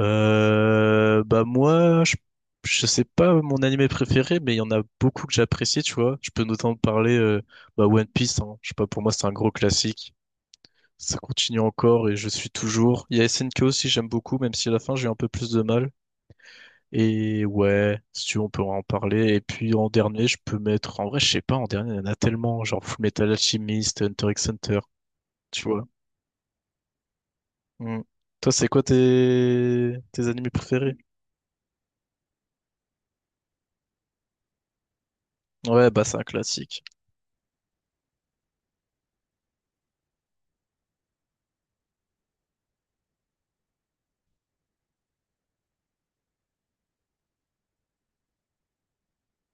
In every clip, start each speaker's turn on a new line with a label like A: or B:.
A: Bah moi, je sais pas mon animé préféré, mais il y en a beaucoup que j'apprécie, tu vois. Je peux notamment parler bah One Piece, hein. Je sais pas, pour moi c'est un gros classique. Ça continue encore et je suis toujours. Il y a S N K aussi, j'aime beaucoup, même si à la fin j'ai eu un peu plus de mal. Et ouais, si tu veux, on peut en parler. Et puis en dernier, je peux mettre. En vrai, je sais pas, en dernier, il y en a tellement, genre Full Metal Alchemist, Hunter x Hunter, tu vois. Mm. Toi, c'est quoi tes animés préférés? Ouais, bah c'est un classique.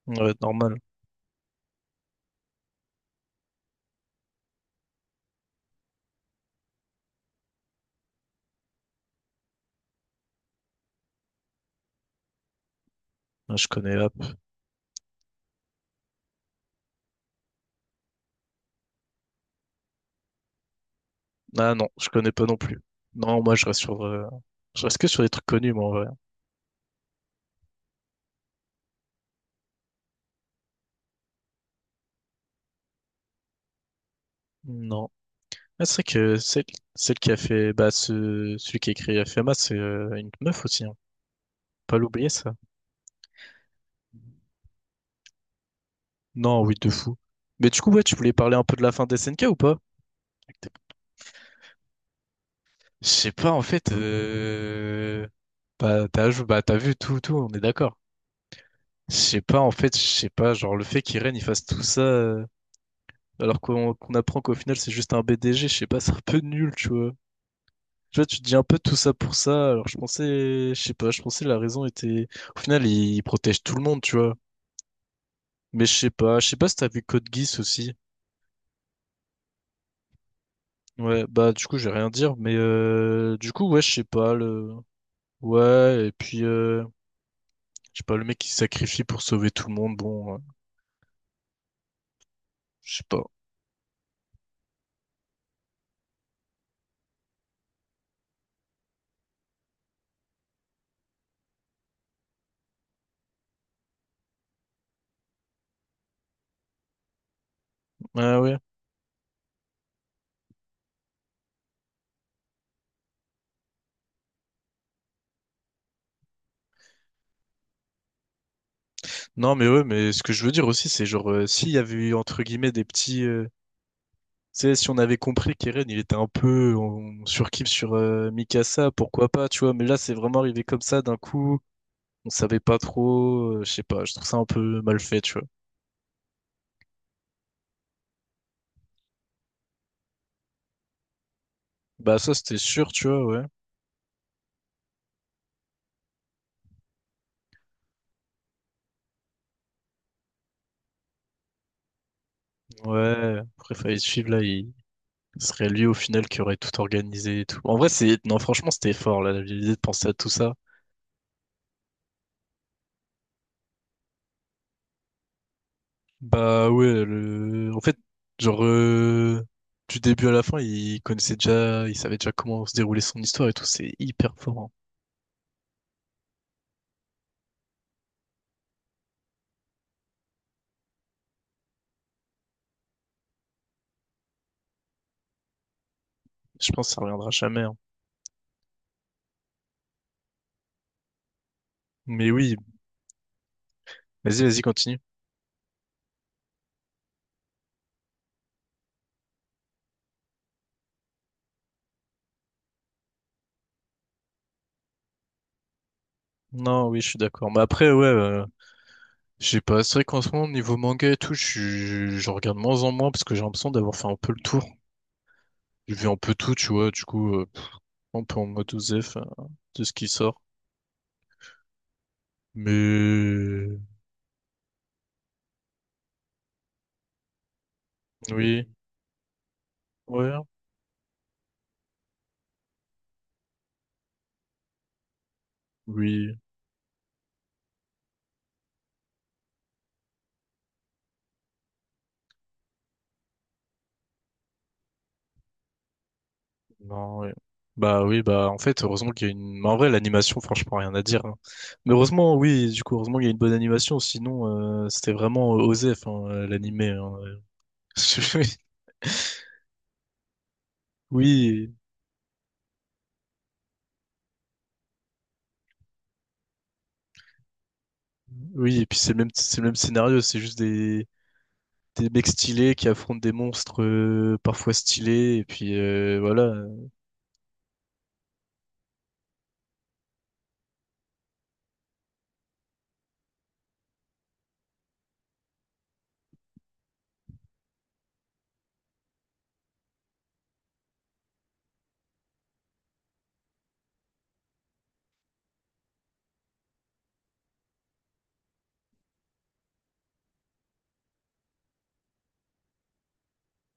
A: Ouais, normal. Ouais, je connais app. Ah non, je connais pas non plus. Non, moi je reste sur, je reste que sur des trucs connus, moi en vrai. Non. Ah, c'est vrai que celle qui a fait, bah, celui qui a écrit FMA, c'est une meuf aussi, hein. Faut pas l'oublier ça. Non, oui, de fou. Mais du coup, ouais, tu voulais parler un peu de la fin d'SNK ou pas? Je sais pas, en fait. Bah, t'as vu tout, tout, on est d'accord. Je sais pas, en fait, je sais pas, genre le fait qu'Irene il fasse tout ça, alors qu'on apprend qu'au final c'est juste un BDG, je sais pas, c'est un peu nul, tu vois. Tu vois, tu te dis un peu tout ça pour ça, alors je pensais, je sais pas, je pensais la raison était... Au final, il protège tout le monde, tu vois. Mais je sais pas si t'as vu Code Geass aussi. Ouais, bah du coup, j'ai rien à dire, mais du coup, ouais, je sais pas, le... Ouais, et puis, je sais pas, le mec qui se sacrifie pour sauver tout le monde, bon, ouais, je sais pas. Ouais, ouais. Non, mais ouais, mais ce que je veux dire aussi, c'est genre, s'il y avait eu, entre guillemets, des petits, tu sais, si on avait compris qu'Eren, il était un peu... On surkiffe sur Mikasa, pourquoi pas, tu vois. Mais là, c'est vraiment arrivé comme ça, d'un coup, on savait pas trop, je sais pas, je trouve ça un peu mal fait, tu vois. Bah ça, c'était sûr, tu vois, ouais. Ouais, après, fallait suivre, là, il... Ce serait lui au final qui aurait tout organisé et tout. En vrai, c'est... Non, franchement, c'était fort, là, la l'idée de penser à tout ça. Bah ouais, le... en fait, genre, du début à la fin, il connaissait déjà, il savait déjà comment se déroulait son histoire et tout, c'est hyper fort, hein. Je pense que ça reviendra jamais, hein. Mais oui, vas-y, vas-y, continue. Non, oui, je suis d'accord. Mais après, ouais, je sais pas, c'est vrai qu'en ce moment, niveau manga et tout, je regarde moins en moins parce que j'ai l'impression d'avoir fait un peu le tour. J'ai vu un peu tout, tu vois, du coup, un peu en mode OZEF, de ce qui sort. Mais oui, ouais, oui. Non, ouais. Bah oui, bah en fait, heureusement qu'il y a une... Mais en vrai, l'animation, franchement, rien à dire, hein. Mais heureusement, oui, du coup, heureusement qu'il y a une bonne animation, sinon, c'était vraiment osé, enfin, l'animé, hein. Oui, oui, oui, et puis c'est le même scénario, c'est juste des mecs stylés qui affrontent des monstres, parfois stylés, et puis voilà.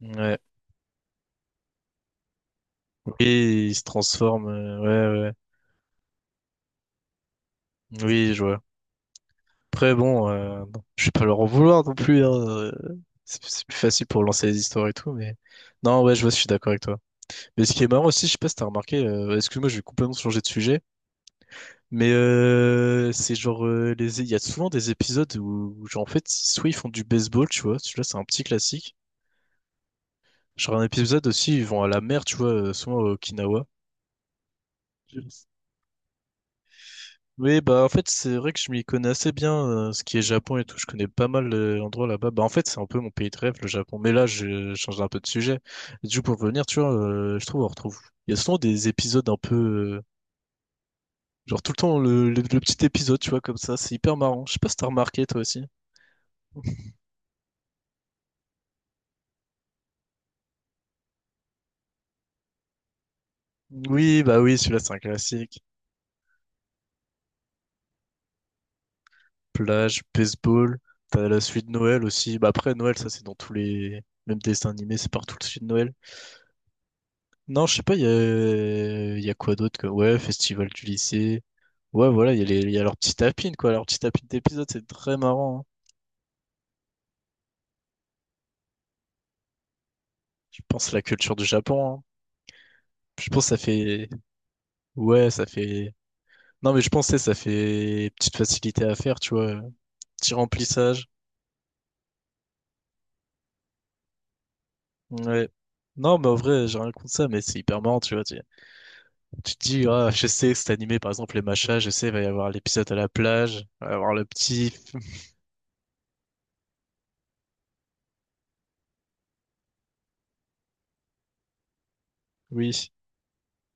A: Ouais. Oui, ils se transforment, ouais, ouais. Oui, je vois. Après, bon, bon, je vais pas leur en vouloir non plus, hein. C'est plus facile pour lancer les histoires et tout, mais... Non, ouais, je vois, je suis d'accord avec toi. Mais ce qui est marrant aussi, je sais pas si t'as remarqué, excuse-moi, je vais complètement changer de sujet, mais c'est genre... les... Il y a souvent des épisodes où, genre, en fait, soit ils font du baseball, tu vois, celui-là, c'est un petit classique. Genre un épisode aussi, ils vont à la mer, tu vois, souvent à Okinawa. Oui, bah en fait, c'est vrai que je m'y connais assez bien, ce qui est Japon et tout. Je connais pas mal d'endroits là-bas. Bah en fait, c'est un peu mon pays de rêve, le Japon. Mais là, je change un peu de sujet. Du coup, pour revenir, tu vois, je trouve on retrouve. Il y a souvent des épisodes un peu, euh, genre tout le temps le petit épisode, tu vois, comme ça. C'est hyper marrant. Je sais pas si t'as remarqué toi aussi. Oui, bah oui, celui-là c'est un classique. Plage, baseball, t'as la suite de Noël aussi. Bah après Noël, ça c'est dans tous les, même dessins animés, c'est partout le suite de Noël. Non, je sais pas, il y a quoi d'autre que... Ouais, festival du lycée. Ouais, voilà, il y a leur petit tapine, quoi. Leur petit tapine d'épisode, c'est très marrant, hein. Je pense la culture du Japon, hein. Je pense que ça fait... Ouais, ça fait... Non, mais je pensais, ça fait petite facilité à faire, tu vois. Petit remplissage. Ouais. Non, mais en vrai, j'ai rien contre ça, mais c'est hyper marrant, tu vois. Tu te dis, ah, je sais, c'est animé, par exemple, les machas, je sais, il va y avoir l'épisode à la plage, il va y avoir le petit... Oui.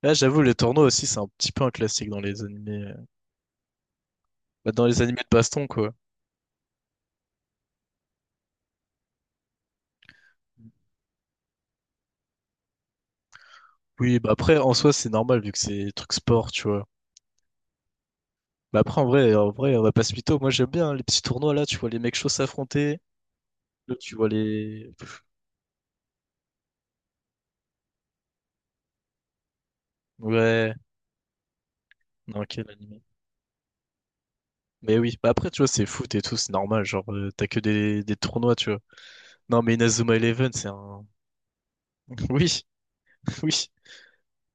A: Là, j'avoue, le tournoi aussi, c'est un petit peu un classique dans les animés. Bah, dans les animés de baston, quoi. Oui, bah après, en soi, c'est normal vu que c'est des trucs sport, tu vois. Bah après, en vrai, on va pas se mytho. Moi, j'aime bien hein, les petits tournois là. Tu vois les mecs chauds s'affronter. Là, tu vois les. Ouais. Non, quel animé. Mais oui, bah après, tu vois, c'est foot et tout, c'est normal. Genre, t'as que des tournois, tu vois. Non, mais Inazuma Eleven, c'est un. Oui, oui.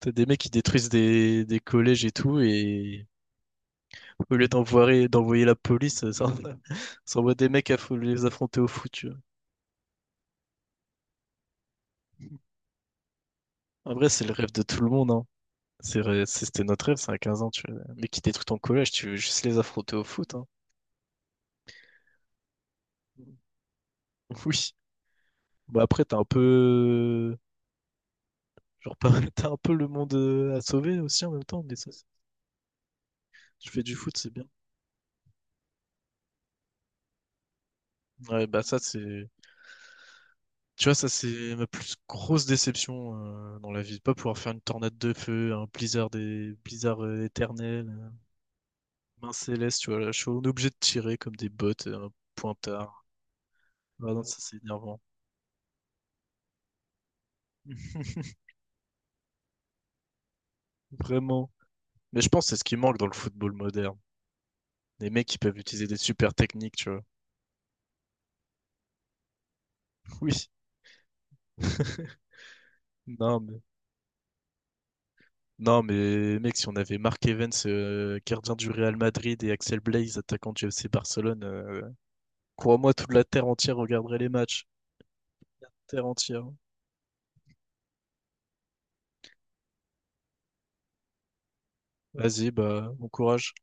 A: T'as des mecs qui détruisent des collèges et tout, et au lieu d'envoyer la police, ça, ça envoie des mecs les affronter au foot, tu vois. En vrai, c'est le rêve de tout le monde, hein. C'est vrai, c'était notre rêve, c'est à 15 ans, tu vois. Mais quitter tout ton collège, tu veux juste les affronter au foot, hein. Oui. Bah après, t'as un peu... Genre, pas- t'as un peu le monde à sauver aussi en même temps, mais ça, c'est- tu fais du foot, c'est bien. Ouais, bah ça, c'est... Tu vois, ça, c'est ma plus grosse déception dans la vie de pas pouvoir faire une tornade de feu, un blizzard, des blizzard éternel, main céleste, tu vois. Là, je suis on est obligé de tirer comme des bottes, un pointard. Ah non, ça, c'est énervant. Vraiment. Mais je pense que c'est ce qui manque dans le football moderne. Des mecs qui peuvent utiliser des super techniques, tu vois. Oui. Non, mais, non, mais mec, si on avait Mark Evans, gardien du Real Madrid, et Axel Blaise, attaquant du FC Barcelone, crois-moi, toute la terre entière regarderait les matchs. Terre entière. Vas-y, bah, bon courage.